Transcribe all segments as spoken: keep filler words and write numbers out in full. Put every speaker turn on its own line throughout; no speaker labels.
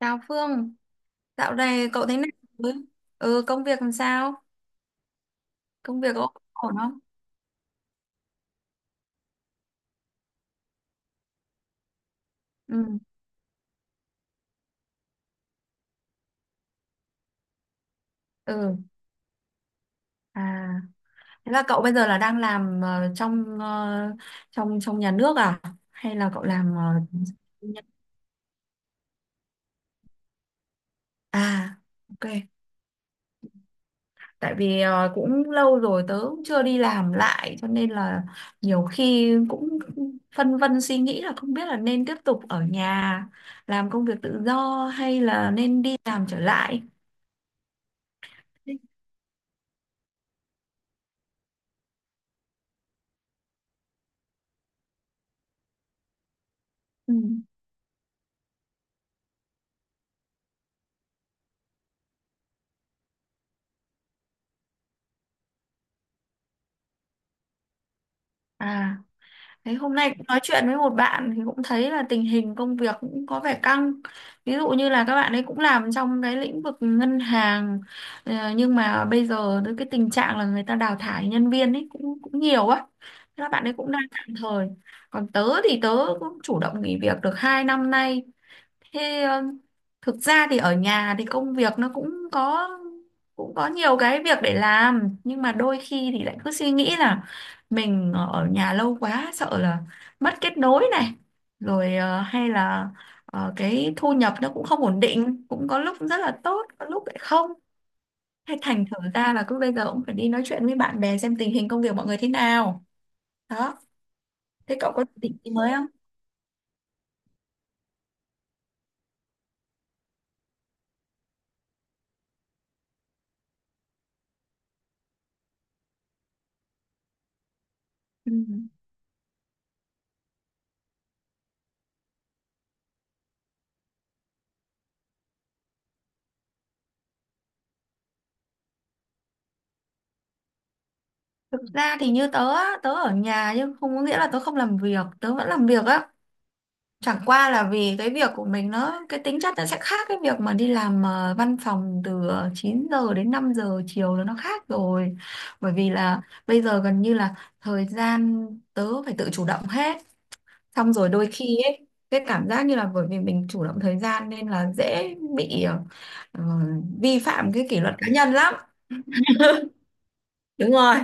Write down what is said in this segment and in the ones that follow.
Chào Phương, dạo này cậu thế nào? Rồi? Ừ, công việc làm sao? Công việc có ổn không? Ừ, ừ. À, thế là cậu bây giờ là đang làm ờ, trong ờ, trong trong nhà nước à? Hay là cậu làm ờ, À, ok. Tại vì ờ, cũng lâu rồi tớ cũng chưa đi làm lại cho nên là nhiều khi cũng phân vân suy nghĩ là không biết là nên tiếp tục ở nhà làm công việc tự do hay là nên đi làm trở lại. Ừ. À. Đấy, hôm nay cũng nói chuyện với một bạn thì cũng thấy là tình hình công việc cũng có vẻ căng. Ví dụ như là các bạn ấy cũng làm trong cái lĩnh vực ngân hàng, ờ, nhưng mà bây giờ tới cái tình trạng là người ta đào thải nhân viên ấy cũng cũng nhiều á. Thế là bạn ấy cũng đang tạm thời. Còn tớ thì tớ cũng chủ động nghỉ việc được hai năm nay. Thế ờ, thực ra thì ở nhà thì công việc nó cũng có cũng có nhiều cái việc để làm, nhưng mà đôi khi thì lại cứ suy nghĩ là mình ở nhà lâu quá sợ là mất kết nối này rồi, ờ, hay là ờ, cái thu nhập nó cũng không ổn định, cũng có lúc rất là tốt có lúc lại không, hay thành thử ra là cứ bây giờ cũng phải đi nói chuyện với bạn bè xem tình hình công việc mọi người thế nào đó. Thế cậu có định gì mới không? Ừ. Thực ra thì như tớ á, tớ ở nhà nhưng không có nghĩa là tớ không làm việc, tớ vẫn làm việc á. Chẳng qua là vì cái việc của mình nó, cái tính chất nó sẽ khác cái việc mà đi làm ờ, văn phòng từ ờ, chín giờ đến năm giờ chiều là nó khác rồi. Bởi vì là bây giờ gần như là thời gian tớ phải tự chủ động hết. Xong rồi đôi khi ấy, cái cảm giác như là bởi vì mình chủ động thời gian nên là dễ bị ờ, ờ, vi phạm cái kỷ luật cá nhân lắm. Đúng rồi.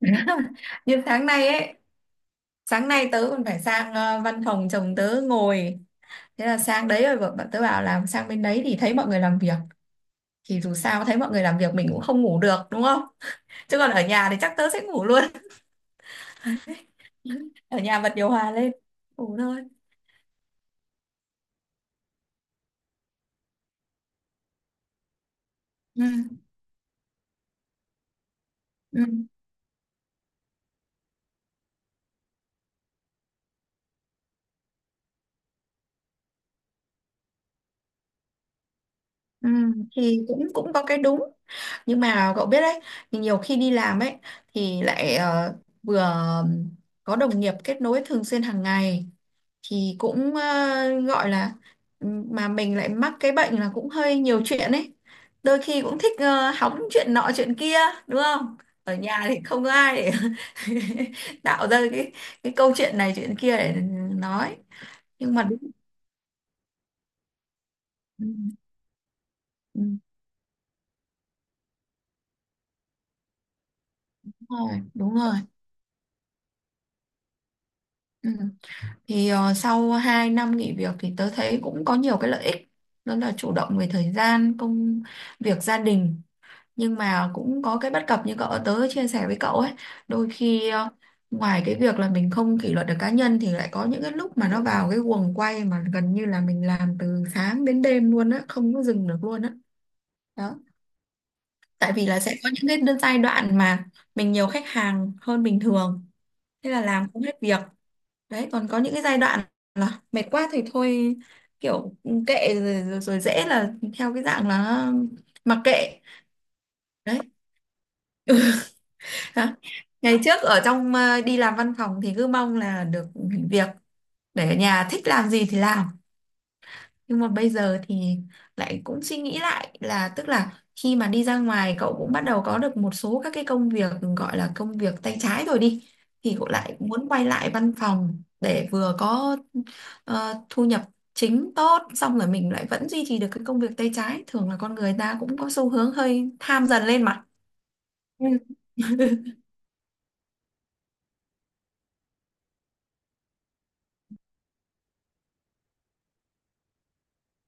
Như tháng này ấy, sáng nay tớ còn phải sang ờ, văn phòng chồng tớ ngồi, thế là sang đấy rồi bọn bọn tớ bảo làm sang bên đấy thì thấy mọi người làm việc, thì dù sao thấy mọi người làm việc mình cũng không ngủ được đúng không, chứ còn ở nhà thì chắc tớ sẽ ngủ luôn. Ở nhà bật điều hòa lên ngủ thôi. Ừ, ừ, ừ. Thì cũng cũng có cái đúng, nhưng mà cậu biết đấy, thì nhiều khi đi làm ấy thì lại ờ, vừa có đồng nghiệp kết nối thường xuyên hàng ngày thì cũng, ờ, gọi là, ừ, mà mình lại mắc cái bệnh là cũng hơi nhiều chuyện ấy, đôi khi cũng thích ờ, hóng chuyện nọ chuyện kia đúng không. Ở nhà thì không có ai để tạo ra cái cái câu chuyện này chuyện kia để nói, nhưng mà đúng, ừ, ừ, đúng rồi đúng rồi. Ừ. Thì ờ, sau hai năm nghỉ việc thì tớ thấy cũng có nhiều cái lợi ích, đó là chủ động về thời gian công việc gia đình, nhưng mà cũng có cái bất cập như cậu tớ chia sẻ với cậu ấy. Đôi khi ờ, ngoài cái việc là mình không kỷ luật được cá nhân thì lại có những cái lúc mà nó vào cái guồng quay mà gần như là mình làm từ sáng đến đêm luôn á, không có dừng được luôn á đó. Tại vì là sẽ có những cái đơn- giai đoạn mà mình nhiều khách hàng hơn bình thường, thế là làm không hết việc. Đấy, còn có những cái giai đoạn là mệt quá thì thôi, kiểu ừ, kệ rồi, rồi, rồi dễ là theo cái dạng là mặc kệ. Đấy. Ha. Ngày trước ở trong ờ, đi làm văn phòng thì cứ mong là được nghỉ việc để ở nhà thích làm gì thì làm. Nhưng mà bây giờ thì lại cũng suy nghĩ lại, là tức là khi mà đi ra ngoài cậu cũng bắt đầu có được một số các cái công việc gọi là công việc tay trái rồi đi, thì cậu lại muốn quay lại văn phòng để vừa có ờ, thu nhập chính tốt, xong rồi mình lại vẫn duy trì được cái công việc tay trái. Thường là con người ta cũng có xu hướng hơi tham dần lên mà. Ừ.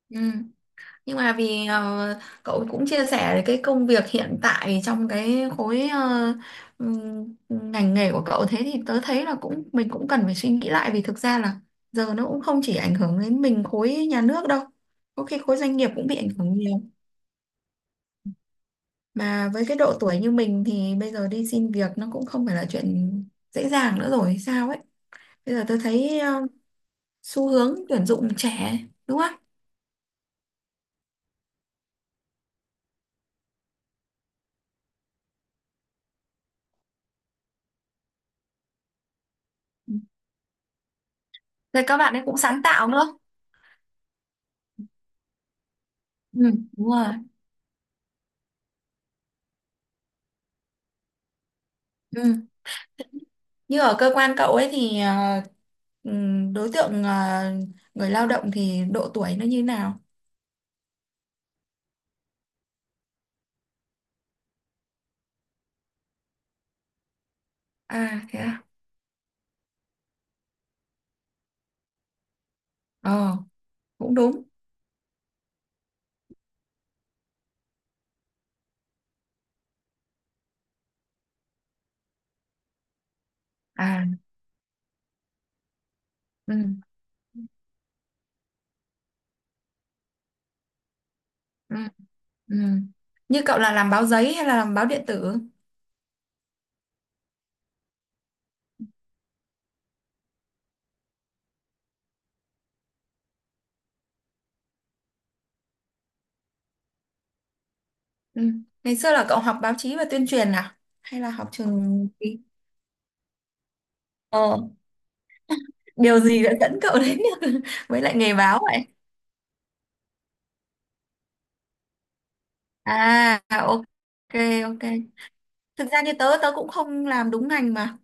Ừ. Nhưng mà vì ờ, cậu cũng chia sẻ về cái công việc hiện tại trong cái khối ờ, ừm, ngành nghề của cậu, thế thì tớ thấy là cũng mình cũng cần phải suy nghĩ lại, vì thực ra là giờ nó cũng không chỉ ảnh hưởng đến mình khối nhà nước đâu. Có khi khối doanh nghiệp cũng bị ảnh hưởng nhiều. Mà với cái độ tuổi như mình thì bây giờ đi xin việc nó cũng không phải là chuyện dễ dàng nữa rồi hay sao ấy. Bây giờ tôi thấy ờ, xu hướng tuyển dụng trẻ, đúng không? Rồi các bạn ấy cũng sáng tạo nữa. Ừ, đúng rồi. Ừ. Như ở cơ quan cậu ấy thì ờ, ừm, đối tượng, ờ, người lao động thì độ tuổi nó như nào? À thế à? Ờ, cũng đúng. À, ừ, ừ, ừ. Như cậu là làm báo giấy hay là làm báo điện tử? Ừ. Ngày xưa là cậu học báo chí và tuyên truyền à? Hay là học trường gì? Ờ, điều gì đã dẫn cậu đến với lại nghề báo vậy? À, ok, ok. Thực ra như tớ, tớ cũng không làm đúng ngành mà.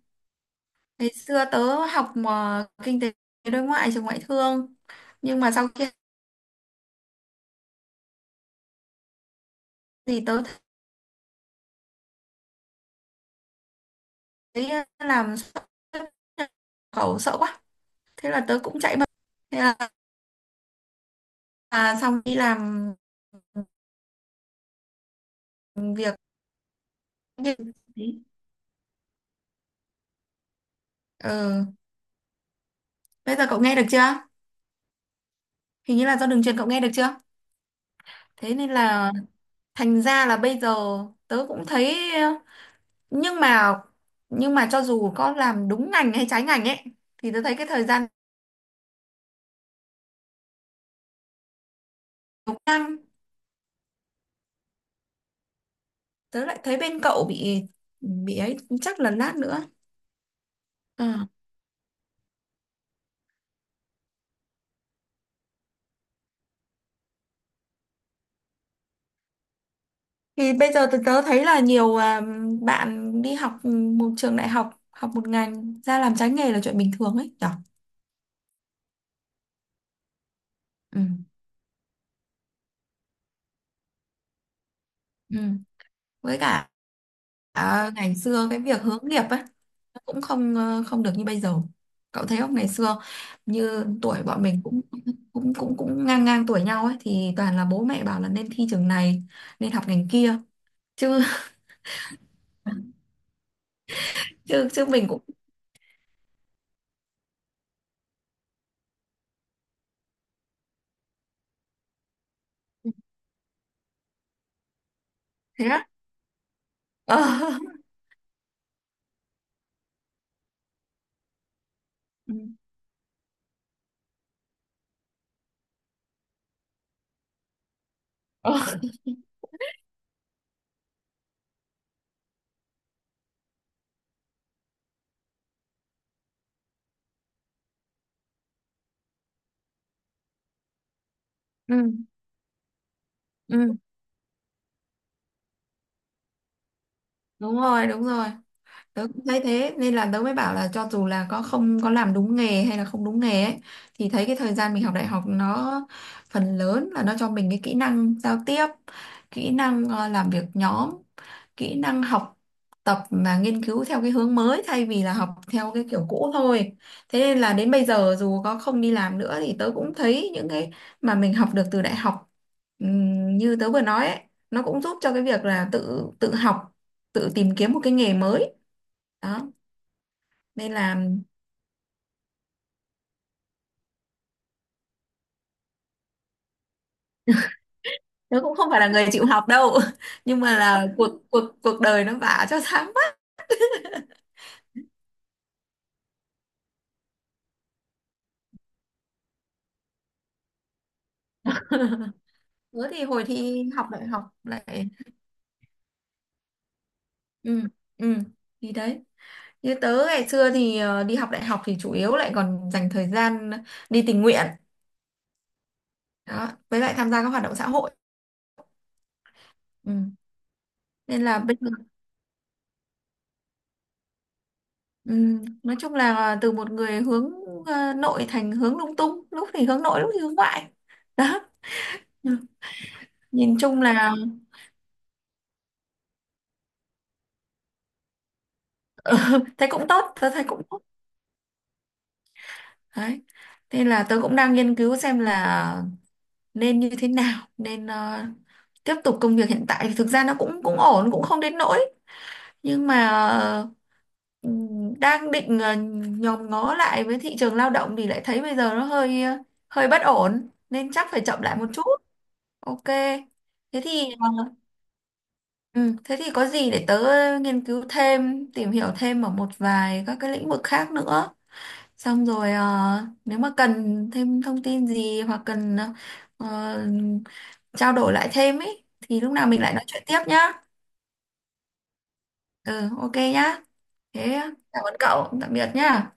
Ngày xưa tớ học mà kinh tế đối ngoại trường ngoại thương, nhưng mà sau khi thì tớ thấy ờ, làm xuất nhập khẩu sợ quá, thế là tớ cũng chạy mất, thế là là xong đi làm việc. Ừ. Bây giờ cậu nghe được chưa? Hình như là do đường truyền, cậu nghe được chưa? Thế nên là thành ra là bây giờ tớ cũng thấy ờ, nhưng mà, nhưng mà cho dù có làm đúng ngành hay trái ngành ấy thì tớ thấy cái thời gian, đúng. Tớ lại thấy bên cậu bị, bị ấy, chắc là lát nữa. Ờ. Thì bây giờ tớ, tớ thấy là nhiều à, bạn đi học, ừ, một trường đại học học một ngành ra làm trái nghề là chuyện bình thường ấy nhở. Ừ. Ừ. Với cả, à, ngày xưa cái việc hướng nghiệp ấy nó cũng không ờ, không được như bây giờ, cậu thấy không? Ngày xưa như tuổi bọn mình cũng cũng cũng cũng ngang ngang tuổi nhau ấy thì toàn là bố mẹ bảo là nên thi trường này nên học ngành kia, chứ chứ chứ mình cũng thế. Ờ, ừ, ờ, ừ, ừ đúng rồi đúng rồi. Tớ cũng thấy thế nên là tớ mới bảo là cho dù là có không có làm đúng nghề hay là không đúng nghề ấy thì thấy cái thời gian mình học đại học nó phần lớn là nó cho mình cái kỹ năng giao tiếp, kỹ năng ờ, làm việc nhóm, kỹ năng học tập mà nghiên cứu theo cái hướng mới thay vì là học theo cái kiểu cũ thôi. Thế nên là đến bây giờ dù có không đi làm nữa thì tớ cũng thấy những cái mà mình học được từ đại học, ừm, như tớ vừa nói ấy, nó cũng giúp cho cái việc là tự tự học, tự tìm kiếm một cái nghề mới. Đó nên là tớ cũng không phải là người chịu học đâu, nhưng mà là cuộc cuộc cuộc đời nó vả cho sáng mắt. Tớ thì hồi thi học đại học lại, ừ, ừ, thì đấy, như tớ ngày xưa thì ờ, đi học đại học thì chủ yếu lại còn dành thời gian đi tình nguyện đó, với lại tham gia các hoạt động xã hội. Ừ. Nên là bây giờ, ừ, nói chung là từ một người hướng ờ, nội thành hướng lung tung, lúc thì hướng nội lúc thì hướng ngoại đó. Ừ. Nhìn chung là thế cũng tốt, tớ thấy cũng tốt. Đấy, nên là tớ cũng đang nghiên cứu xem là nên như thế nào, nên ờ, tiếp tục công việc hiện tại thì thực ra nó cũng cũng ổn cũng không đến nỗi, nhưng mà ờ, ừm, đang định ờ, nhòm ngó lại với thị trường lao động thì lại thấy bây giờ nó hơi ờ, hơi bất ổn, nên chắc phải chậm lại một chút. Ok. Thế thì ờ, ừ, thế thì có gì để tớ nghiên cứu thêm tìm hiểu thêm ở một vài các cái lĩnh vực khác nữa. Xong rồi ờ, nếu mà cần thêm thông tin gì hoặc cần ờ, trao đổi lại thêm ấy thì lúc nào mình lại nói chuyện tiếp nhá. Ừ, ok nhá. Thế cảm ơn cậu, tạm biệt nhá.